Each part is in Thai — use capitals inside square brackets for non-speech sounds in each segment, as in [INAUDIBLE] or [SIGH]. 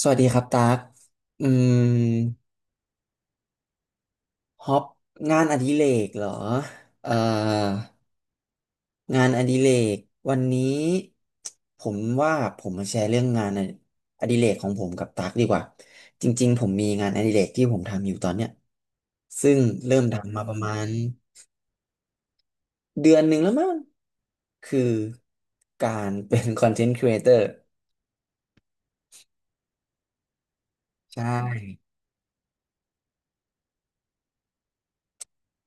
สวัสดีครับตั๊กอืมฮอปงานอดิเรกเหรอเอ่องานอดิเรกวันนี้ผมว่าผมมาแชร์เรื่องงานอดิเรกของผมกับตั๊กดีกว่าจริงๆผมมีงานอดิเรกที่ผมทำอยู่ตอนเนี้ยซึ่งเริ่มดัทำมาประมมาณเดือนหนึ่งแล้วมั้งคือการเป็น [LAUGHS] คอนเทนต์ครีเอเตอร์ใช่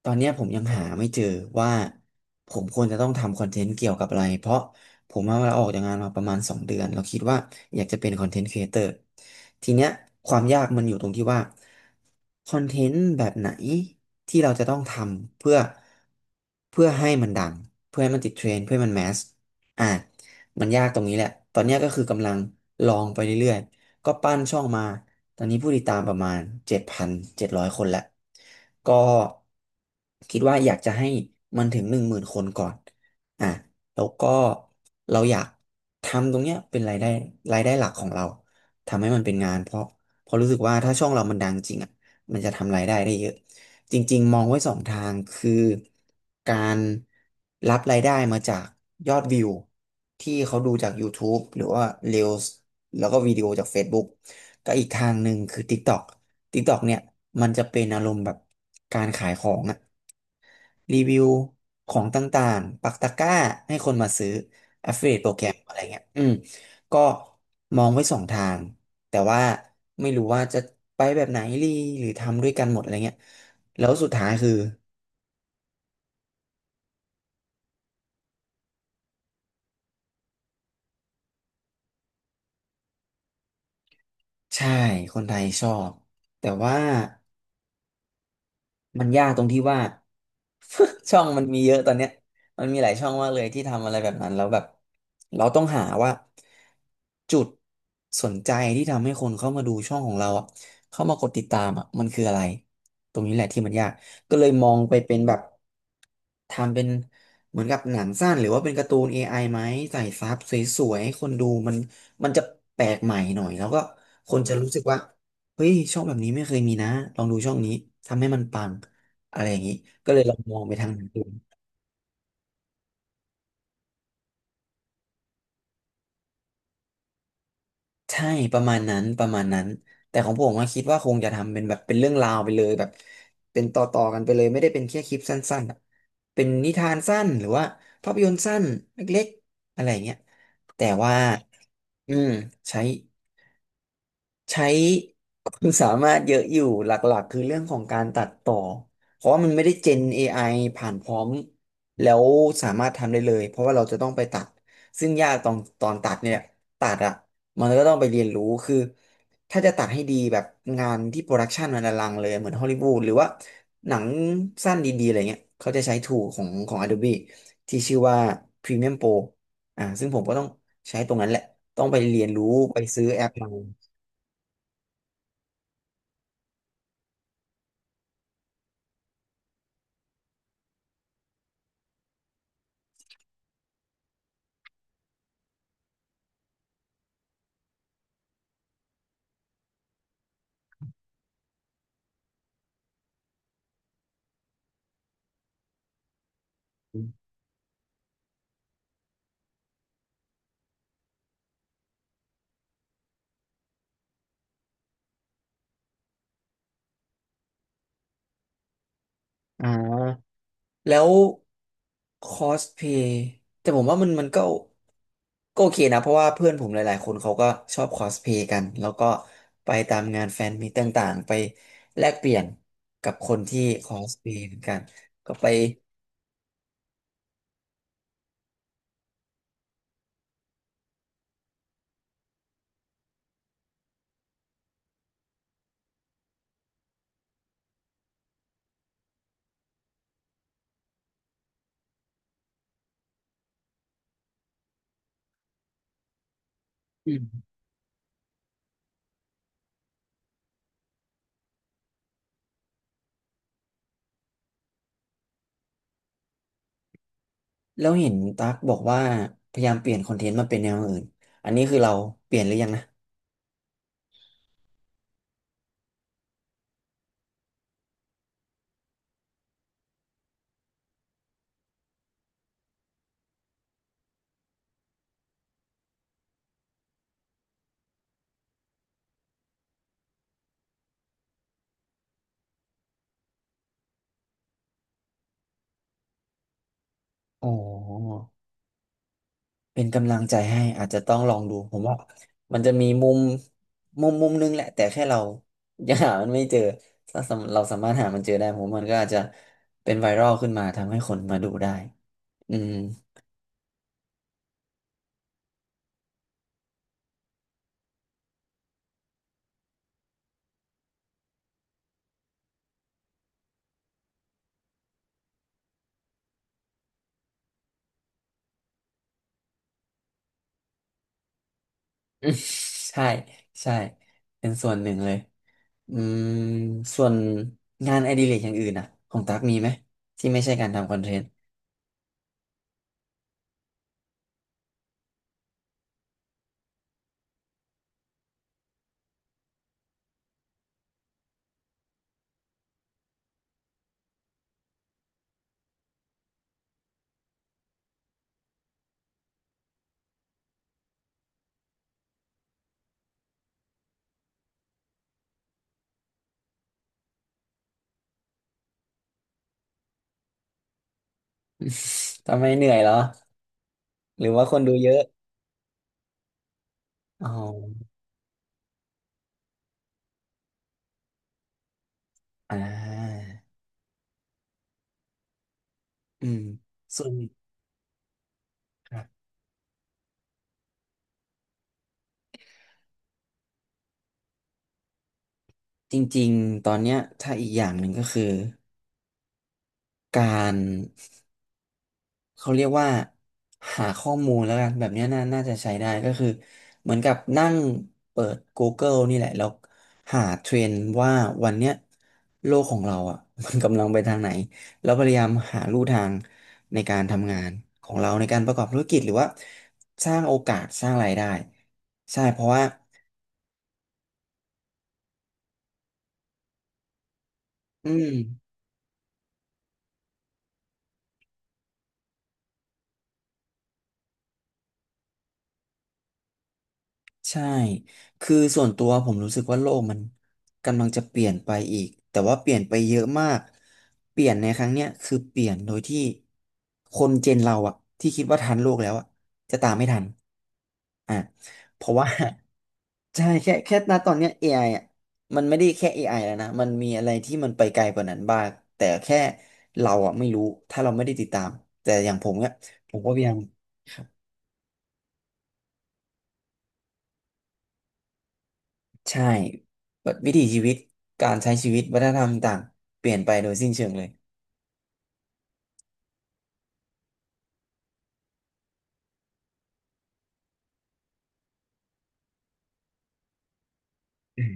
ตอนเนี้ยผมยังหาไม่เจอว่าผมควรจะต้องทำคอนเทนต์เกี่ยวกับอะไรเพราะผมว่าเราออกจากงานมาประมาณสองเดือนเราคิดว่าอยากจะเป็นคอนเทนต์ครีเอเตอร์ทีเนี้ยความยากมันอยู่ตรงที่ว่าคอนเทนต์แบบไหนที่เราจะต้องทำเพื่อให้มันดังเพื่อให้มันติดเทรนด์เพื่อให้มันแมสอ่ะมันยากตรงนี้แหละตอนเนี้ยก็คือกำลังลองไปเรื่อยๆ ก็ปั้นช่องมา ตอนนี้ผู้ติดตามประมาณเจ็ดพันเจ็ดร้อยคนแล้วก็คิดว่าอยากจะให้มันถึงหนึ่งหมื่นคนก่อนอ่ะแล้วก็เราอยากทำตรงเนี้ยเป็นรายได้รายได้หลักของเรา ทำให้มันเป็นงานเพราะรู้สึกว่าถ้าช่องเรามันดังจริงอ่ะมันจะทำรายได้ได้เยอะจริงๆมองไว้สองทางคือการรับรายได้มาจากยอดวิวที่เขาดูจาก YouTube หรือว่า Reels แล้วก็วิดีโอจาก Facebook ก็อีกทางหนึ่งคือ TikTok TikTok เนี่ยมันจะเป็นอารมณ์แบบการขายของอะรีวิวของต่างๆปักตะกร้าให้คนมาซื้อ Affiliate โปรแกรมอะไรเงี้ยอืมก็มองไว้สองทางแต่ว่าไม่รู้ว่าจะไปแบบไหนรีหรือทำด้วยกันหมดอะไรเงี้ยแล้วสุดท้ายคือใช่คนไทยชอบแต่ว่า มันยากตรงที่ว่า [LAUGHS] ช่องมันมีเยอะตอนเนี้ยมันมีหลายช่องมากเลยที่ทำอะไรแบบนั้นแล้วแบบเราต้องหาว่าจุดสนใจที่ทำให้คนเข้ามาดูช่องของเราอ่ะเข้ามากดติดตามอ่ะมันคืออะไรตรงนี้แหละที่มันยากก็เลยมองไปเป็นแบบ ทำเป็นเหมือนกับหนังสั้นหรือว่าเป็นการ์ตูน AI ไอไหมใส่ซับสวยๆให้คนดูมันมันจะแปลกใหม่หน่อยแล้วก็คนจะรู้สึกว่าเฮ้ยช่องแบบนี้ไม่เคยมีนะลองดูช่องนี้ทำให้มันปังอะไรอย่างนี้ก็เลยลองมองไปทางนั้นดู ใช่ประมาณนั้นประมาณนั้นแต่ของผมก็คิดว่าคงจะทำเป็นแบบเป็นเรื่องราวไปเลยแบบเป็นต่อกันไปเลยไม่ได้เป็นแค่คลิปสั้นๆอะเป็นนิทานสั้นหรือว่าภาพยนตร์สั้นเล็กๆอะไรอย่างเงี้ยแต่ว่าอืมใช้ ใช้ความสามารถเยอะอยู่หลักๆคือเรื่องของการตัดต่อเพราะว่ามันไม่ได้เจน AI ผ่านพร้อมแล้วสามารถทำได้เลยเพราะว่าเราจะต้องไปตัดซึ่งยากตอนตัดเนี่ยตัดอ่ะมันก็ต้องไปเรียนรู้คือถ้าจะตัดให้ดีแบบงานที่โปรดักชันมันอลังเลยเหมือนฮอลลีวูดหรือว่าหนังสั้นดีๆอะไรเงี้ยเขาจะใช้ t ู o ของ Adobe ที่ชื่อว่า Premiere Pro อ่าซึ่งผมก็ต้องใช้ตรงนั้นแหละต้องไปเรียนรู้ไปซื้อแอปมา อ่าแล้วคอสเพย์แต่ผมว่ามันก็โอเคนะเพราะว่าเพื่อนผมหลายๆคนเขาก็ชอบคอสเพย์กันแล้วก็ไปตามงานแฟนมีตต่างๆไปแลกเปลี่ยนกับคนที่คอสเพย์เหมือนกันก็ไปอืมแล้วเห็นตั๊กบอกว่าพยายามเปลี่ยนคอนเทนต์มาเป็นแนวอื่นอันนี้คือเราเปลี่ยนหรือยังนะอ๋อ เป็นกำลังใจให้อาจจะต้องลองดูผมว่ามันจะมีมุมมุมนึงแหละแต่แค่เรายังหามันไม่เจอถ้าสำเราสามารถหามันเจอได้ผมว่ามันก็อาจจะเป็นไวรัลขึ้นมาทำให้คนมาดูได้อืม [LAUGHS] ใช่ใช่เป็นส่วนหนึ่งเลยอืมส่วนงานอดิเรกอย่างอื่นอ่ะของตั๊กมีไหมที่ไม่ใช่การทำคอนเทนต์ [LAUGHS] ทำไมเหนื่อยเหรอหรือว่าคนดูเยอะอ๋ออ่าอืมส่วน จริงๆ ตอนเนี้ยถ้าอีกอย่างหนึ่งก็คือการเขาเรียกว่าหาข้อมูลแล้วกันแบบเนี้ยน่าจะใช้ได้ก็คือเหมือนกับนั่งเปิด Google นี่แหละแล้วหาเทรนด์ว่าวันเนี้ยโลกของเราอ่ะ [LAUGHS] มันกำลังไปทางไหนแล้วพยายามหาลู่ทางในการทำงานของเราในการประกอบธุรกิจหรือว่าสร้างโอกาสสร้างรายได้ใช่เพราะว่าอืม ใช่ คือส่วนตัวผมรู้สึกว่าโลกมันกำลังจะเปลี่ยนไปอีก แต่ว่าเปลี่ยนไปเยอะมาก เปลี่ยนในครั้งเนี้ยคือเปลี่ยนโดยที่คนเจนเราอะที่คิดว่าทันโลกแล้วอะจะตามไม่ทันอ่ะเพราะว่า [LAUGHS] ใช่แค่ณตอนเนี้ย a ไออ่ะมันไม่ได้แค่ a อไอแล้วนะมันมีอะไรที่มันไปไกลกว่านั้นบ้างแต่แค่เราอ่ะไม่รู้ถ้าเราไม่ได้ติดตามแต่อย่างผมเนี่ยผมก็พยายาม ใช่แบบวิถีชีวิตการใช้ชีวิตวัฒนธรรมต่างเปลี่ยนไปโดยสิ้นเชิงเลยอืม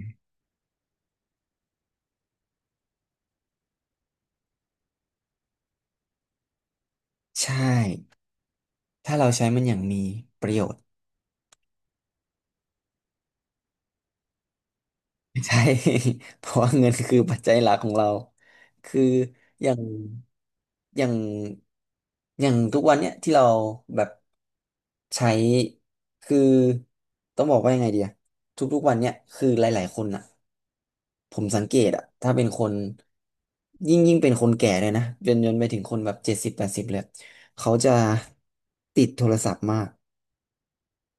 ใช่ถ้าเราใช้มันอย่างมีประโยชน์ [LAUGHS] ใช่ [LAUGHS] เพราะว่าเงินคือปัจจัยหลักของเราคืออย่างอย่างอย่างทุกวันเนี้ยที่เราแบบใช้คือต้องบอกว่ายังไงดีอะทุกๆวันเนี้ยคือหลายๆคนอะ ผมสังเกตอะถ้าเป็นคนยิ่งยิ่งเป็นคนแก่เลยนะจนไปถึงคนแบบ70 80เลยเขาจะติดโทรศัพท์มาก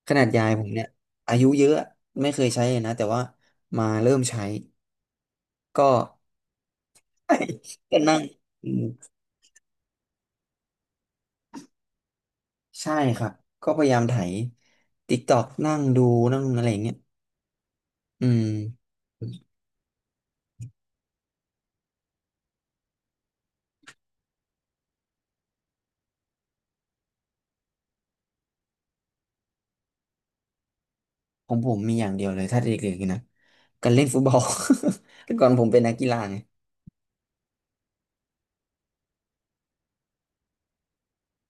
ขนาดยายผมเนี่ยอายุเยอะไม่เคยใช้เลยนะแต่ว่ามาเริ่มใช้ก็ [LAUGHS] ก็นั่งอืมใช่ครับก็พยายามไถ TikTok นั่งดูนั่งอะไรอย่างเงี้ยอืมของผมมีอย่างเดียวเลยถ้าเด็กๆนะการเล่นฟุตบอล [LAUGHS] แต่ก่อนผมเป็นนักกีฬาไง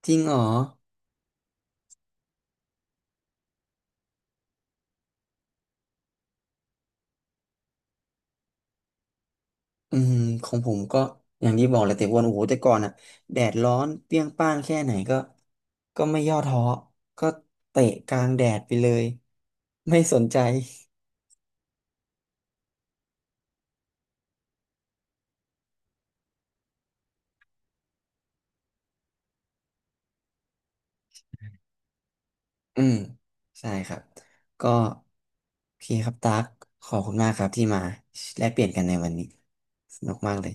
จริงเหรอ อืมของผมก็อย่างที่บอกเลยแต่วันโอ้โหแต่ก่อนอ่ะแดดร้อนเปรี้ยงป้างแค่ไหนก็ก็ไม่ย่อท้อก็เตะกลางแดดไปเลยไม่สนใจ [LAUGHS] อืมใช่ครับก็โอเคครับตั๊กขอบคุณมากครับที่มาแลกเปลี่ยนกันในวันนี้สนุกมากเลย